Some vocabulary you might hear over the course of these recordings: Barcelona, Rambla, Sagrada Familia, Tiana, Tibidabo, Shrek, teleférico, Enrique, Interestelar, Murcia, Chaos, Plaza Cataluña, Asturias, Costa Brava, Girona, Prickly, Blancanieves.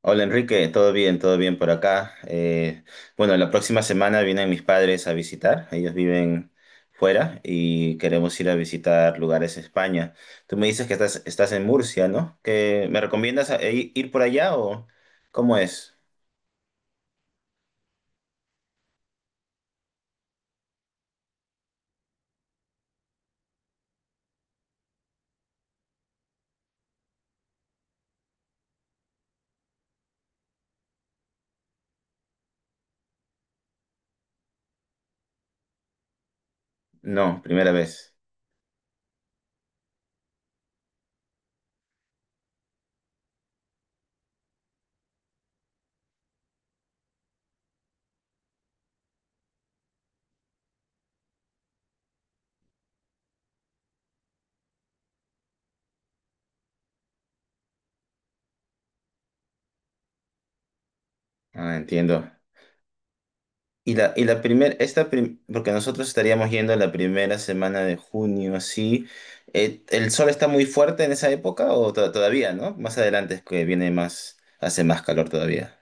Hola Enrique, todo bien por acá. Bueno, la próxima semana vienen mis padres a visitar, ellos viven fuera y queremos ir a visitar lugares en España. Tú me dices que estás en Murcia, ¿no? ¿Que me recomiendas ir por allá o cómo es? No, primera vez. Ah, entiendo. Y la primera, esta prim- Porque nosotros estaríamos yendo la primera semana de junio, así. ¿El sol está muy fuerte en esa época o todavía, no? Más adelante es que viene más, hace más calor todavía.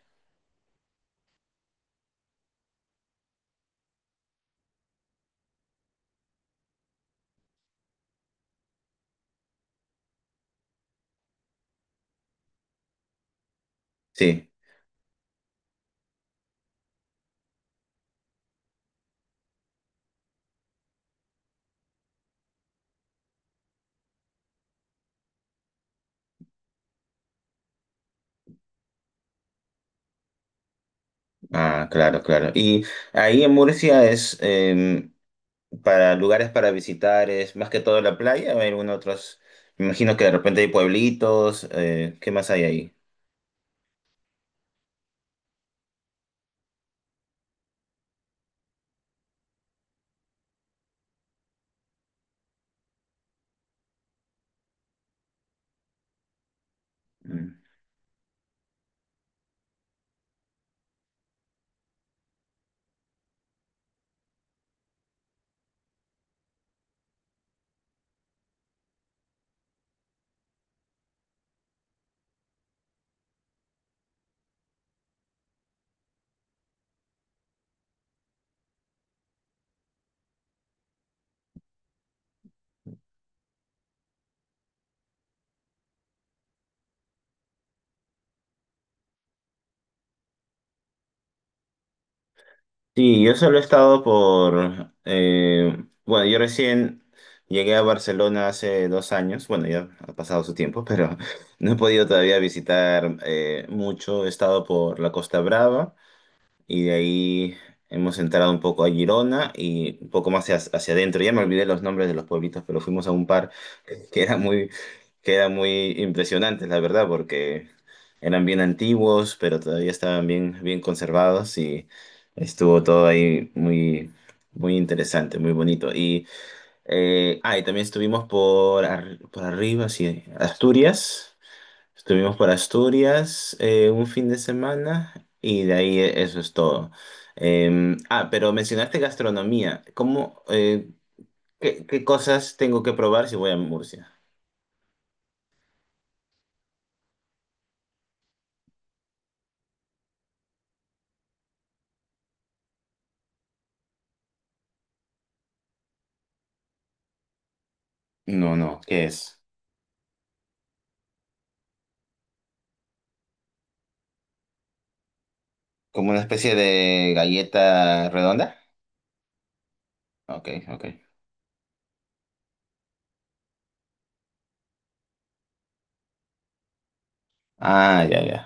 Sí, ah, claro, claro. Y ahí en Murcia es para lugares para visitar, es más que todo la playa, o hay algún otros, me imagino que de repente hay pueblitos, ¿qué más hay ahí? Mm. Sí, yo solo he estado por, bueno, yo recién llegué a Barcelona hace 2 años, bueno, ya ha pasado su tiempo, pero no he podido todavía visitar mucho. He estado por la Costa Brava y de ahí hemos entrado un poco a Girona y un poco más hacia adentro. Ya me olvidé los nombres de los pueblitos, pero fuimos a un par que era muy, que era muy impresionante, la verdad, porque eran bien antiguos, pero todavía estaban bien, bien conservados y estuvo todo ahí muy, muy interesante, muy bonito. Y también estuvimos por arriba, sí, Asturias. Estuvimos por Asturias un fin de semana y de ahí eso es todo. Pero mencionaste gastronomía. ¿Cómo, qué cosas tengo que probar si voy a Murcia? No, no, ¿qué es? ¿Como una especie de galleta redonda? Ok, ok. Ah, ya, ya.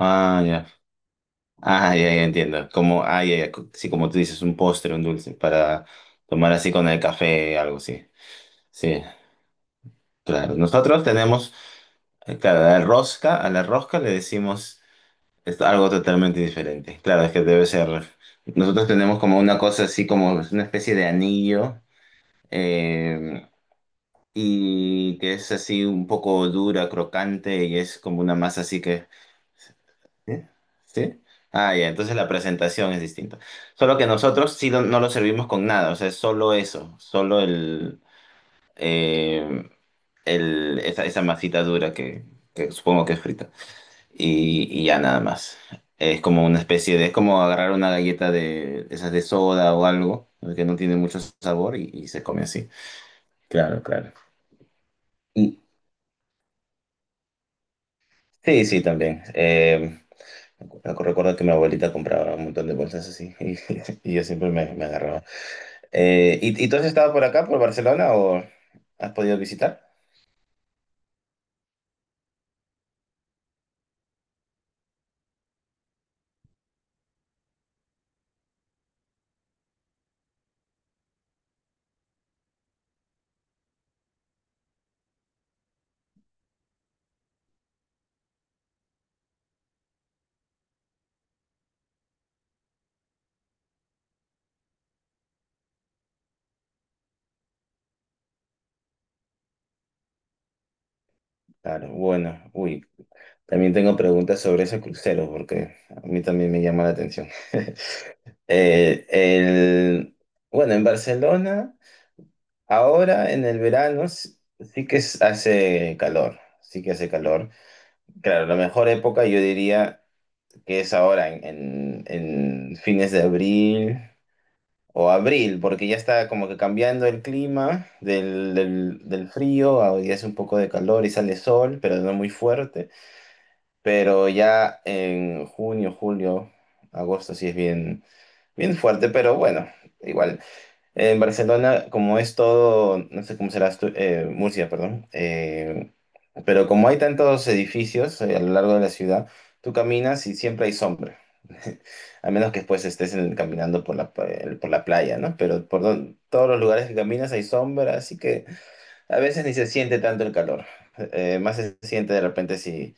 Ah, ya. Ah, ya, ya entiendo. Como, ah, ya, ya. Sí, como tú dices, un postre, un dulce para tomar así con el café, algo así. Sí, claro. Nosotros tenemos, claro, la rosca, a la rosca le decimos es algo totalmente diferente. Claro, es que debe ser. Nosotros tenemos como una cosa así, como una especie de anillo. Eh, y que es así un poco dura, crocante y es como una masa así que... ¿Sí? ¿Sí? Ah, ya, entonces la presentación es distinta. Solo que nosotros no lo servimos con nada, o sea, es solo eso, solo eh, esa, esa masita dura que supongo que es frita. Y ya nada más. Es como una especie de, es como agarrar una galleta de esas de soda o algo, que no tiene mucho sabor y se come así. Claro, claro. Sí, sí, también. Recuerdo que mi abuelita compraba un montón de bolsas así y yo siempre me, me agarraba. ¿Y, y tú has estado por acá, por Barcelona, o has podido visitar? Claro, bueno, uy, también tengo preguntas sobre ese crucero porque a mí también me llama la atención. Eh, el, bueno, en Barcelona, ahora en el verano sí que hace calor, sí que hace calor. Claro, la mejor época yo diría que es ahora en fines de abril o abril, porque ya está como que cambiando el clima del frío, y hace un poco de calor y sale sol, pero no muy fuerte, pero ya en junio, julio, agosto sí es bien, bien fuerte, pero bueno, igual en Barcelona, como es todo, no sé cómo será Murcia, perdón, pero como hay tantos edificios a lo largo de la ciudad, tú caminas y siempre hay sombra, a menos que después caminando por por la playa, ¿no? Pero todos los lugares que caminas hay sombra, así que a veces ni se siente tanto el calor. Más se siente de repente si,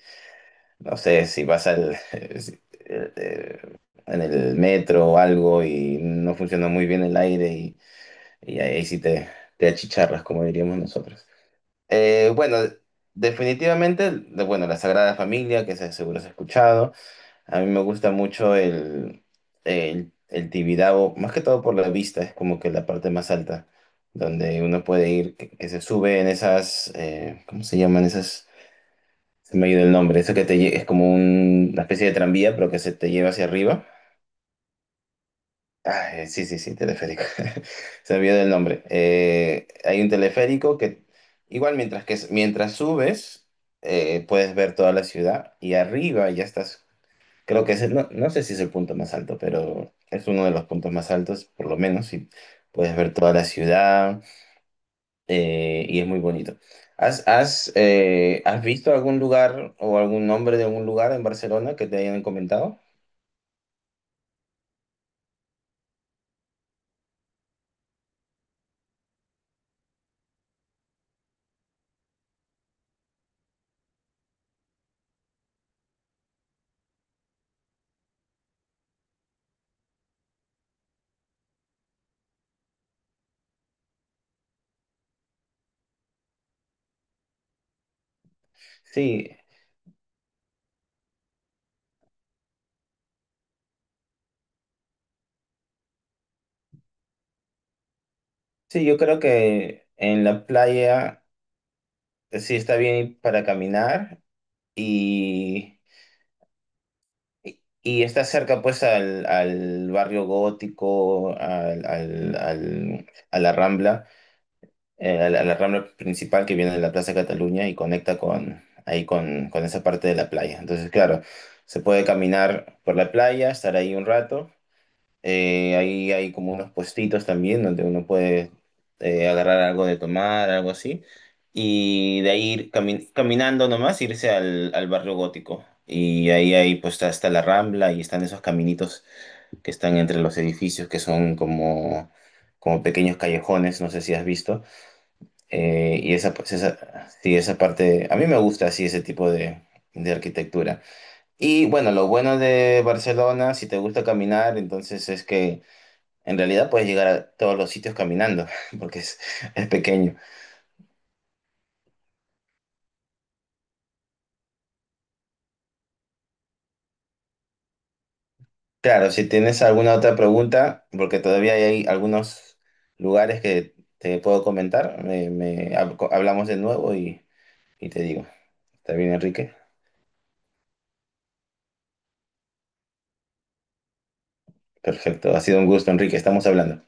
no sé, si vas al, si- eh, eh, en el metro o algo y no funciona muy bien el aire y ahí, ahí sí te achicharras, como diríamos nosotros. Bueno, definitivamente, bueno, la Sagrada Familia, que seguro has escuchado. A mí me gusta mucho el Tibidabo, más que todo por la vista, es como que la parte más alta, donde uno puede ir, que se sube en esas, ¿cómo se llaman esas? Se me ha ido el nombre, eso que es como una especie de tranvía, pero que se te lleva hacia arriba. Ah, sí, sí, sí, teleférico. Se olvidó el nombre. Hay un teleférico que igual mientras que mientras subes puedes ver toda la ciudad y arriba ya estás. Creo que no, no sé si es el punto más alto, pero es uno de los puntos más altos, por lo menos, y puedes ver toda la ciudad y es muy bonito. Has visto algún lugar o algún nombre de algún lugar en Barcelona que te hayan comentado? Sí, sí, yo creo que en la playa. Sí está bien para caminar y, y está cerca pues al barrio gótico, a la Rambla, a la Rambla principal que viene de la Plaza Cataluña y conecta con, ahí con esa parte de la playa. Entonces, claro, se puede caminar por la playa, estar ahí un rato ahí hay como unos puestitos también donde uno puede agarrar algo de tomar, algo así. Y de ahí ir caminando nomás, irse al barrio gótico. Y ahí hay, pues está, está la Rambla y están esos caminitos que están entre los edificios que son como, como pequeños callejones, no sé si has visto. Y esa, pues, esa, sí, esa parte, a mí me gusta así ese tipo de arquitectura. Y bueno, lo bueno de Barcelona, si te gusta caminar, entonces es que en realidad puedes llegar a todos los sitios caminando, porque es pequeño. Claro, si tienes alguna otra pregunta, porque todavía hay algunos lugares que te puedo comentar, hablamos de nuevo y te digo. ¿Está bien, Enrique? Perfecto, ha sido un gusto, Enrique, estamos hablando.